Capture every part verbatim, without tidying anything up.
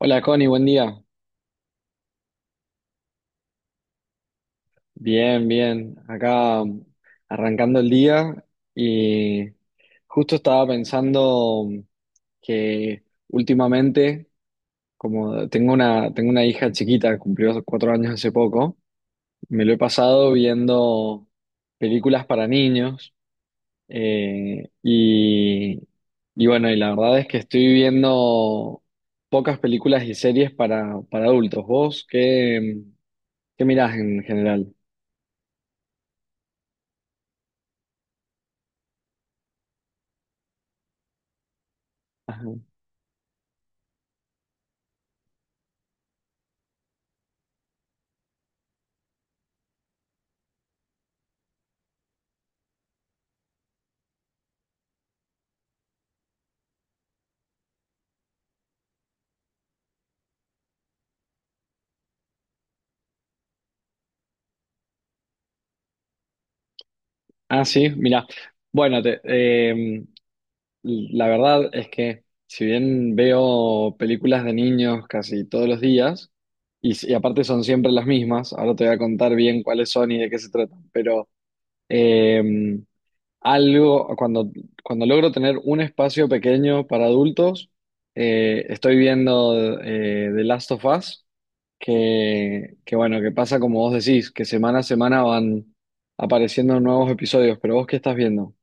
Hola Connie, buen día. Bien, bien. Acá mm, arrancando el día y justo estaba pensando, mm, que últimamente, como tengo una, tengo una hija chiquita, cumplió cuatro años hace poco, me lo he pasado viendo películas para niños, eh, y, y bueno, y la verdad es que estoy viendo pocas películas y series para, para adultos. ¿Vos qué, qué mirás en general? Ah, sí, mira. Bueno, te- eh, la verdad es que si bien veo películas de niños casi todos los días, y, si- y aparte son siempre las mismas, ahora te voy a contar bien cuáles son y de qué se tratan, pero em, algo, cuando, cuando logro tener un espacio pequeño para adultos, eh, estoy viendo eh, The Last of Us, que, que bueno, que pasa como vos decís, que semana a semana van apareciendo nuevos episodios, pero ¿vos qué estás viendo?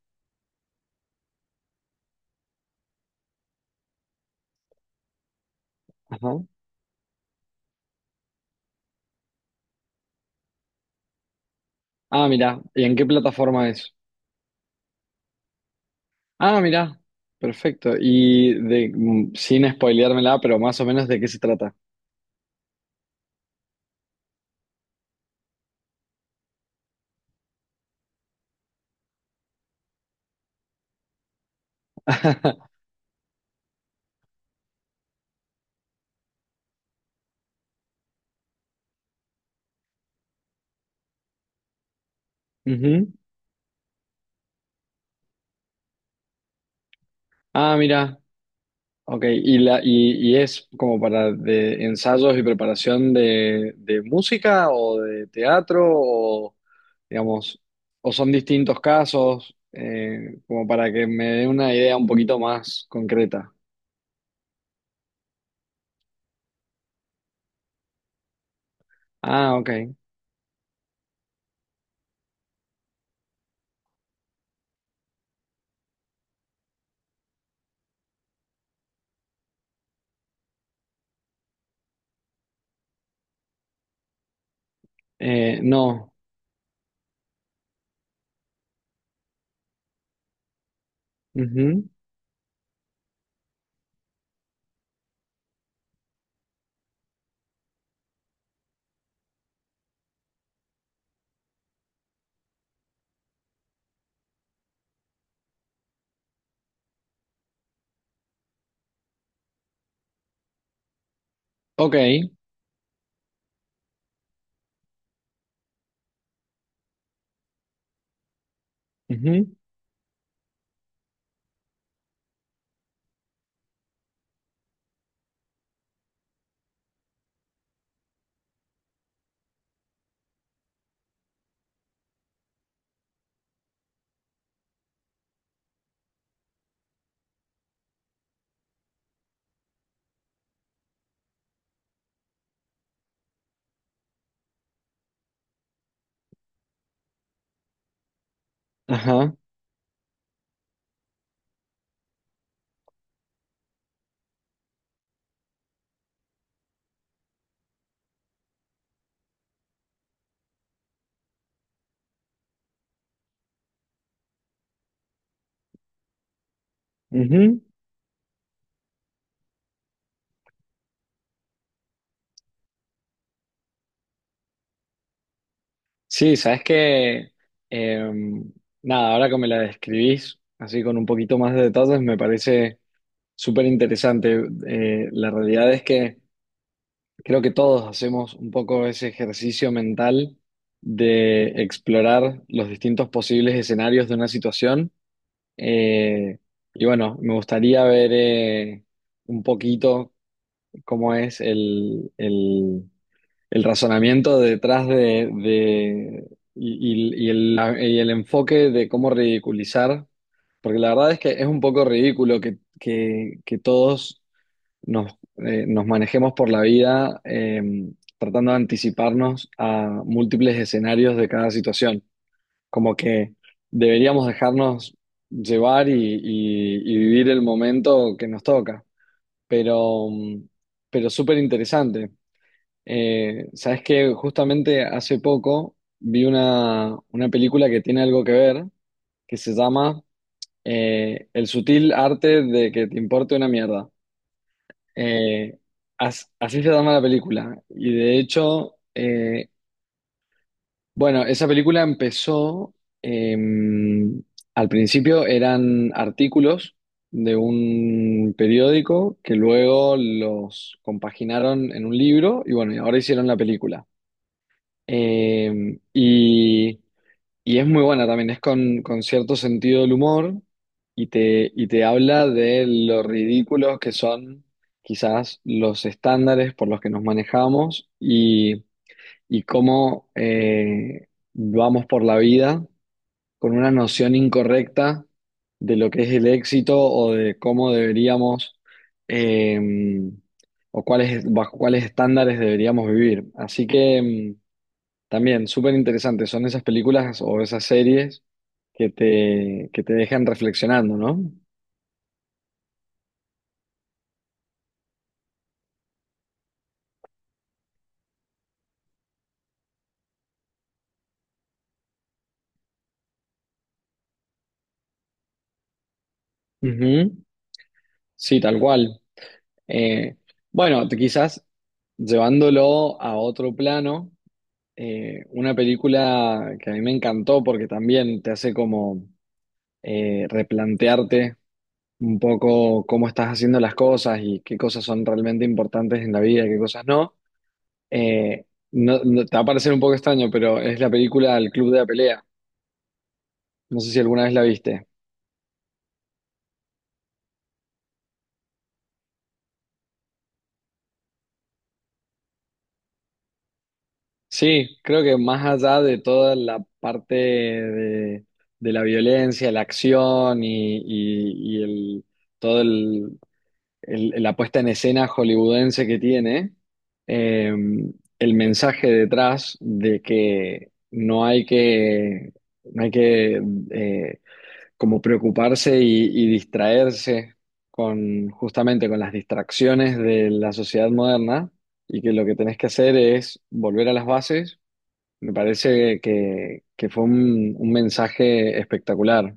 Ajá. Ah, mira, ¿y en qué plataforma es? Ah, mira, perfecto. Y de, mm, sin spoileármela, pero más o menos de qué se trata. Ujú. Ah, mira. Ok, y, la, y, y es como para de ensayos y preparación de, de música o de teatro o, digamos, o son distintos casos, eh, como para que me dé una idea un poquito más concreta. Ah, ok. Eh, no. Ujú. Ok. Ujú. Ajá. Ujú. Sí, sabes que, em, nada, ahora que me la describís así con un poquito más de detalles, me parece súper interesante. Eh, la realidad es que creo que todos hacemos un poco ese ejercicio mental de explorar los distintos posibles escenarios de una situación. Eh, y bueno, me gustaría ver, eh, un poquito cómo es el, el- el razonamiento detrás de, de- y, y- y el, la- y el enfoque de cómo ridiculizar, porque la verdad es que es un poco ridículo que, que que todos nos, eh, nos manejemos por la vida, eh, tratando de anticiparnos a múltiples escenarios de cada situación. Como que deberíamos dejarnos llevar y, y- y vivir el momento que nos toca. Pero, mm, pero súper interesante. Eh, sabes que justamente hace poco vi una, una película que tiene algo que ver, que se llama, eh, El sutil arte de que te importe una mierda. Eh, as- así se llama la película. Y de hecho, eh, bueno, esa película empezó, eh, al principio eran artículos de un periódico que luego los compaginaron en un libro y bueno, y ahora hicieron la película. Eh, y y es muy buena también, es con, con cierto sentido del humor y te, y te habla de lo ridículos que son quizás los estándares por los que nos manejamos y, y cómo, eh, vamos por la vida con una noción incorrecta de lo que es el éxito o de cómo deberíamos, eh, o cuáles, bajo cuáles estándares deberíamos vivir. Así que... em, también, súper interesante. Son esas películas o esas series que te, que te dejan reflexionando, ¿no? Ujú. Sí, tal cual. Eh, bueno, te- quizás llevándolo a otro plano, eh, una película que a mí me encantó porque también te hace como, eh, replantearte un poco cómo estás haciendo las cosas y qué cosas son realmente importantes en la vida y qué cosas no. Eh, no, no- te va a parecer un poco extraño, pero es la película El Club de la Pelea. No sé si alguna vez la viste. Sí, creo que más allá de toda la parte de, de la violencia, la acción y, y- y el, todo el, el- la puesta en escena hollywoodense que tiene, eh, el mensaje detrás de que no hay que, no hay que, eh, como preocuparse y, y distraerse con, justamente con las distracciones de la sociedad moderna y que lo que tenés que hacer es volver a las bases. Me parece que, que fue un, un mensaje espectacular.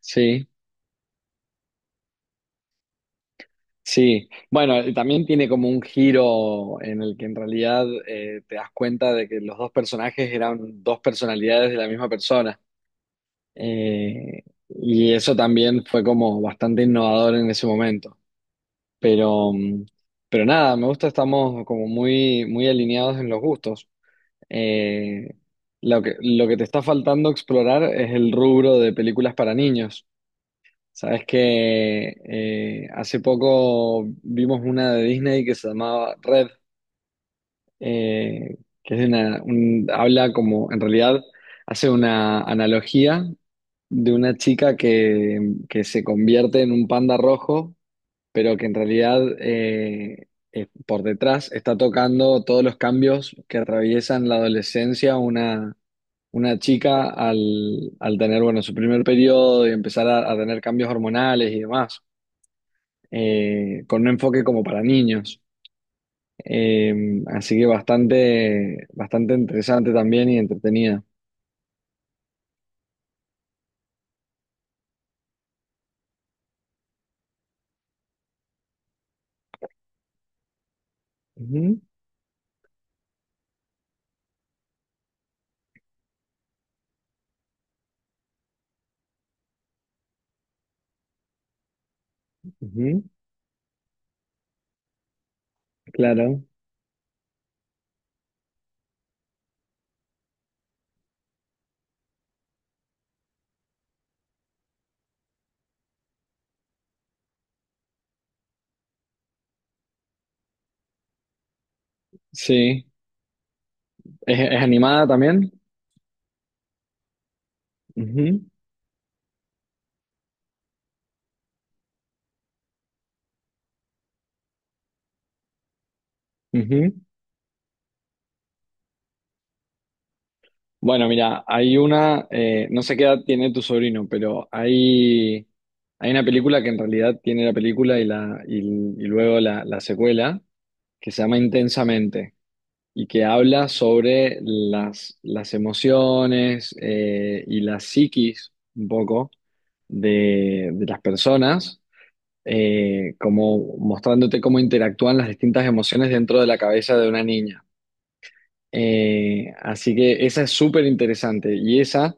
Sí, sí. Bueno, y también tiene como un giro en el que en realidad, eh, te das cuenta de que los dos personajes eran dos personalidades de la misma persona. Eh, y eso también fue como bastante innovador en ese momento. Pero, mm, pero nada, me gusta, estamos como muy, muy alineados en los gustos. Eh, lo que, lo que te está faltando explorar es el rubro de películas para niños. Sabes que, eh, hace poco vimos una de Disney que se llamaba Red, eh, que es una, un- habla como, en realidad, hace una analogía de una chica que, que se convierte en un panda rojo pero que en realidad, eh, eh, por detrás está tocando todos los cambios que atraviesan la adolescencia una, una chica al, al tener, bueno, su primer periodo y empezar a, a tener cambios hormonales y demás, eh, con un enfoque como para niños. Eh, así que bastante, bastante interesante también y entretenida. Ujú, ujú, claro, sí. ¿Es, es animada también? Ujú, ujú. Bueno, mira, hay una, eh, no sé qué edad tiene tu sobrino, pero hay, hay una película que en realidad tiene la película y, la, y, y luego la, la secuela, que se llama Intensamente, y que habla sobre las, las emociones, eh, y la psiquis un poco de, de las personas, eh, como mostrándote cómo interactúan las distintas emociones dentro de la cabeza de una niña. Eh, así que esa es súper interesante y esa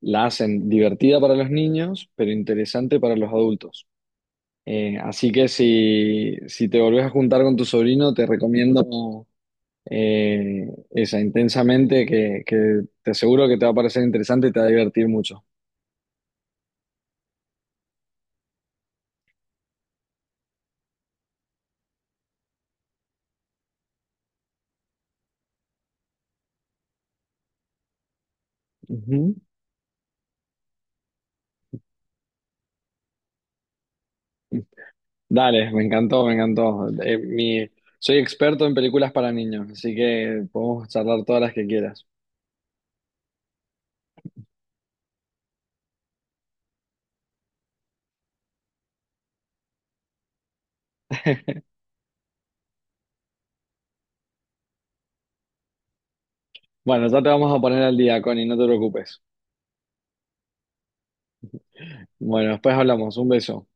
la hacen divertida para los niños, pero interesante para los adultos. Eh, así que si, si te volvés a juntar con tu sobrino, te recomiendo, eh, esa intensamente, que, que te aseguro que te va a parecer interesante y te va a divertir mucho. Ujú. Dale, me encantó, me encantó. Eh, mi- soy experto en películas para niños, así que podemos charlar todas las que quieras. Bueno, ya te vamos a poner al día, Connie, no te preocupes. Bueno, después hablamos. Un beso.